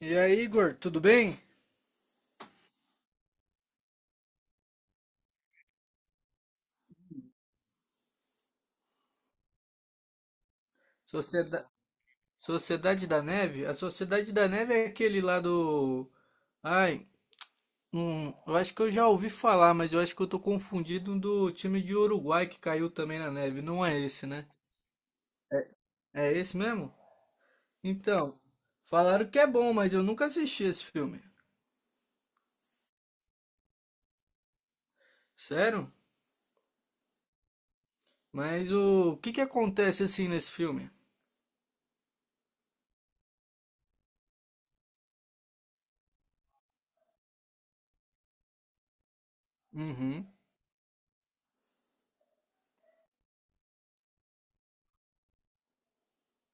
E aí, Igor, tudo bem? Socieda- Sociedade da Neve? A Sociedade da Neve é aquele lá do. Ai, eu acho que eu já ouvi falar, mas eu acho que eu tô confundido um do time de Uruguai que caiu também na neve. Não é esse, né? É esse mesmo? Então, falaram que é bom, mas eu nunca assisti esse filme. Sério? Mas o que que acontece assim nesse filme? Uhum.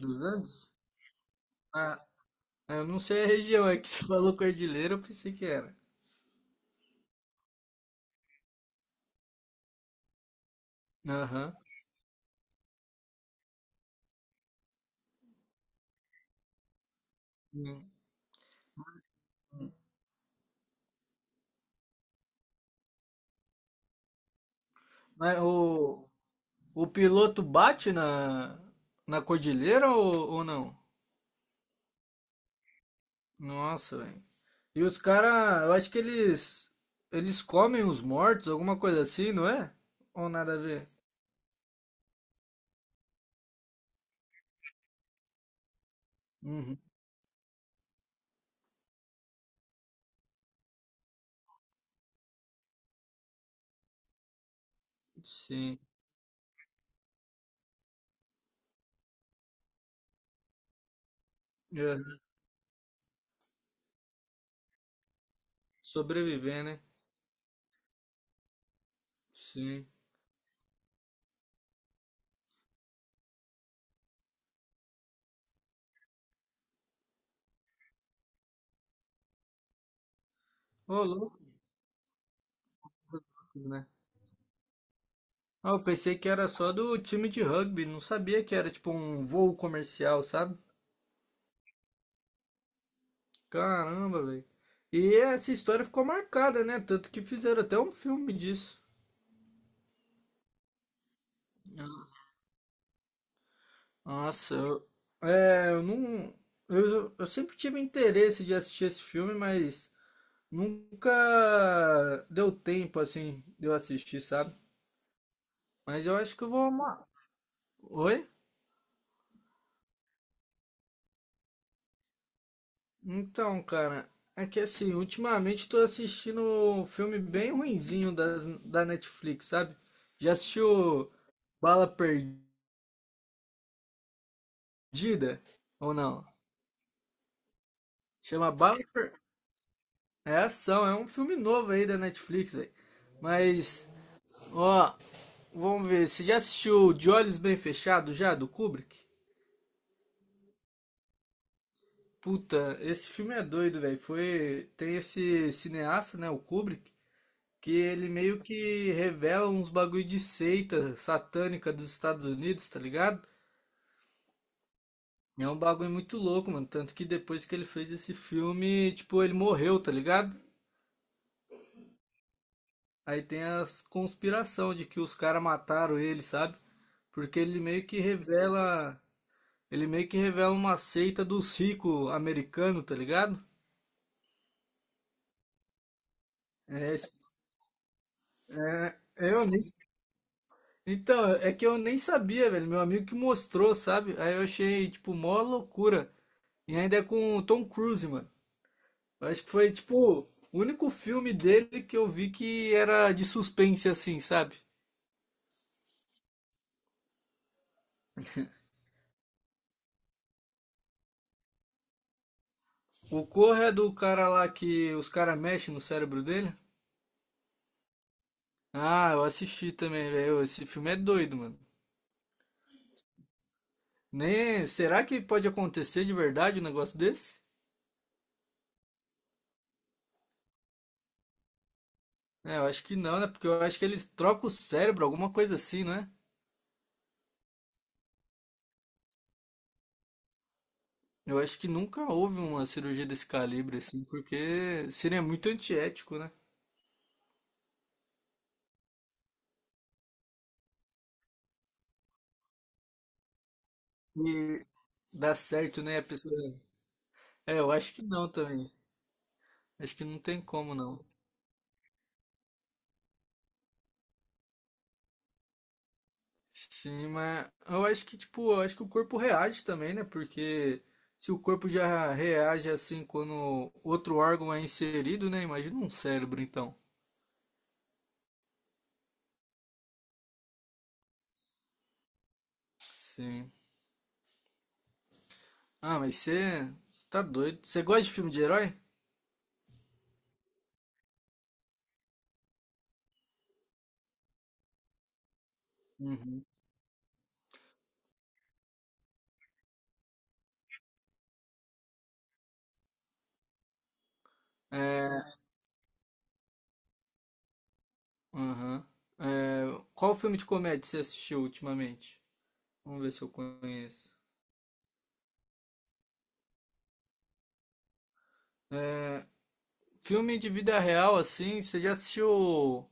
Dos Andes? Ah, eu não sei a região, é que você falou cordilheira, eu pensei que era. Aham. Hum. Mas o, o piloto bate na cordilheira ou não? Nossa, velho. E os caras, eu acho que eles comem os mortos, alguma coisa assim, não é? Ou nada a ver? Uhum. Sim. É. Sobreviver, né? Sim. Ô, louco, né? Ah, eu pensei que era só do time de rugby, não sabia que era tipo um voo comercial, sabe? Caramba, velho. E essa história ficou marcada, né? Tanto que fizeram até um filme disso. Nossa, eu não. Eu sempre tive interesse de assistir esse filme, mas nunca deu tempo assim de eu assistir, sabe? Mas eu acho que eu vou amar. Oi? Então, cara, é que assim, ultimamente tô assistindo um filme bem ruinzinho da Netflix, sabe? Já assistiu Bala Perdida? Ou não? Chama É ação, é um filme novo aí da Netflix, velho. Mas. Ó, vamos ver. Você já assistiu De Olhos Bem Fechados já, do Kubrick? Puta, esse filme é doido, velho. Foi. Tem esse cineasta, né? O Kubrick, que ele meio que revela uns bagulho de seita satânica dos Estados Unidos, tá ligado? É um bagulho muito louco, mano. Tanto que depois que ele fez esse filme, tipo, ele morreu, tá ligado? Aí tem as conspiração de que os caras mataram ele, sabe? Porque ele meio que revela. Ele meio que revela uma seita dos ricos americanos, tá ligado? É, eu nem. Então, é que eu nem sabia, velho. Meu amigo que mostrou, sabe? Aí eu achei, tipo, mó loucura. E ainda é com o Tom Cruise, mano. Eu acho que foi, tipo, o único filme dele que eu vi que era de suspense, assim, sabe? O Corra é do cara lá que os caras mexem no cérebro dele. Ah, eu assisti também, velho. Esse filme é doido, mano. Nem... Será que pode acontecer de verdade um negócio desse? É, eu acho que não, né? Porque eu acho que eles trocam o cérebro, alguma coisa assim, né? Eu acho que nunca houve uma cirurgia desse calibre, assim, porque seria muito antiético, né? E dá certo, né? A pessoa. É, eu acho que não também. Acho que não tem como, não. Sim, mas eu acho que, tipo, eu acho que o corpo reage também, né? Porque se o corpo já reage assim quando outro órgão é inserido, né? Imagina um cérebro, então. Sim. Ah, mas você tá doido. Você gosta de filme de herói? Uhum. É, aham. É, qual filme de comédia você assistiu ultimamente? Vamos ver se eu conheço. É, filme de vida real, assim, você já assistiu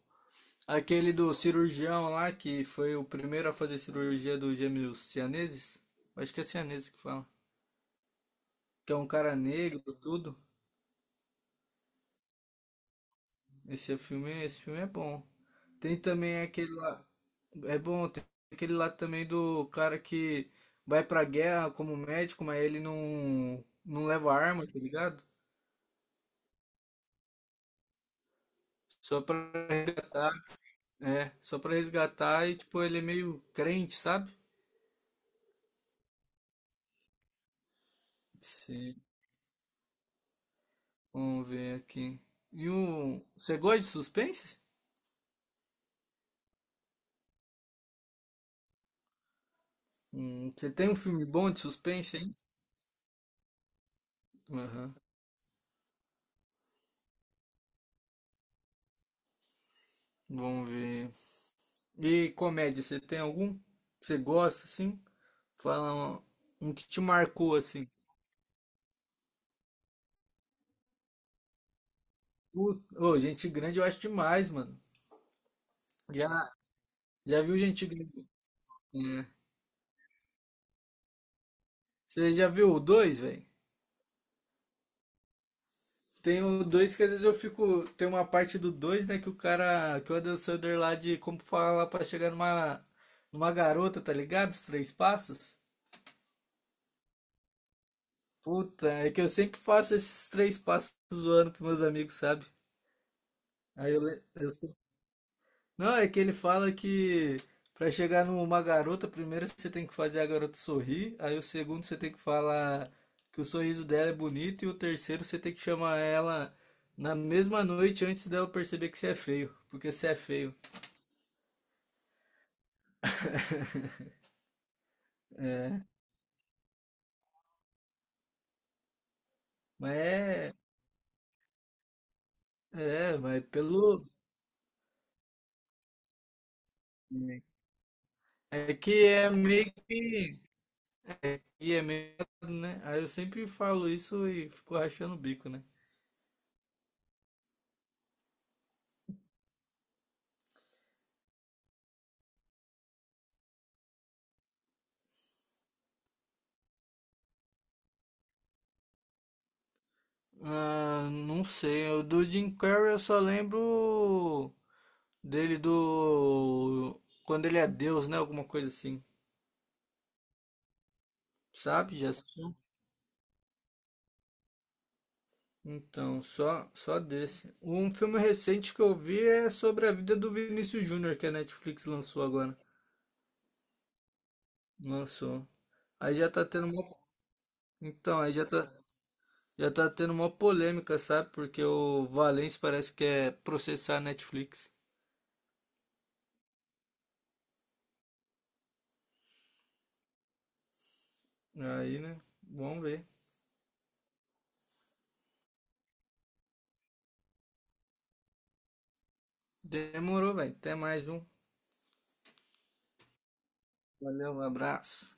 aquele do cirurgião lá que foi o primeiro a fazer cirurgia dos gêmeos cianeses? Acho que é cianeses que fala. Que é um cara negro, tudo. Esse filme é bom. Tem também aquele lá. É bom, tem aquele lá também do cara que vai pra guerra como médico, mas ele não leva arma, tá ligado? Só pra, só pra resgatar e, tipo, ele é meio crente, sabe? Sim. Vamos ver aqui. E o. Você gosta de suspense? Você tem um filme bom de suspense, hein? Aham. Vamos ver. E comédia, você tem algum? Que Você gosta, assim? Fala um que te marcou assim. Gente grande eu acho demais, mano. Já, já viu gente grande? É. Você já viu o 2, velho? Tem o 2 que às vezes eu fico. Tem uma parte do 2 né? Que o cara. Que o Adam Sandler lá de como falar pra chegar numa garota, tá ligado? Os três passos. Puta, é que eu sempre faço esses três passos zoando pros meus amigos, sabe? Aí eu, le- eu Não, é que ele fala que pra chegar numa garota, primeiro você tem que fazer a garota sorrir, aí o segundo você tem que falar que o sorriso dela é bonito, e o terceiro você tem que chamar ela na mesma noite antes dela perceber que você é feio, porque você é feio. Mas é, é, mas pelo. É que é meio que. Que é meio, né? Aí eu sempre falo isso e fico rachando o bico, né? Ah, não sei, o do Jim Carrey eu só lembro. Dele do. Quando ele é Deus, né? Alguma coisa assim. Sabe? Já assistiu? Só desse. Um filme recente que eu vi é sobre a vida do Vinícius Júnior, que a Netflix lançou agora. Lançou. Aí já tá tendo uma. Então, aí já tá. Já tá tendo uma polêmica, sabe? Porque o Valência parece que é processar a Netflix. Aí, né? Vamos ver. Demorou, velho. Até mais, um. Valeu, um abraço.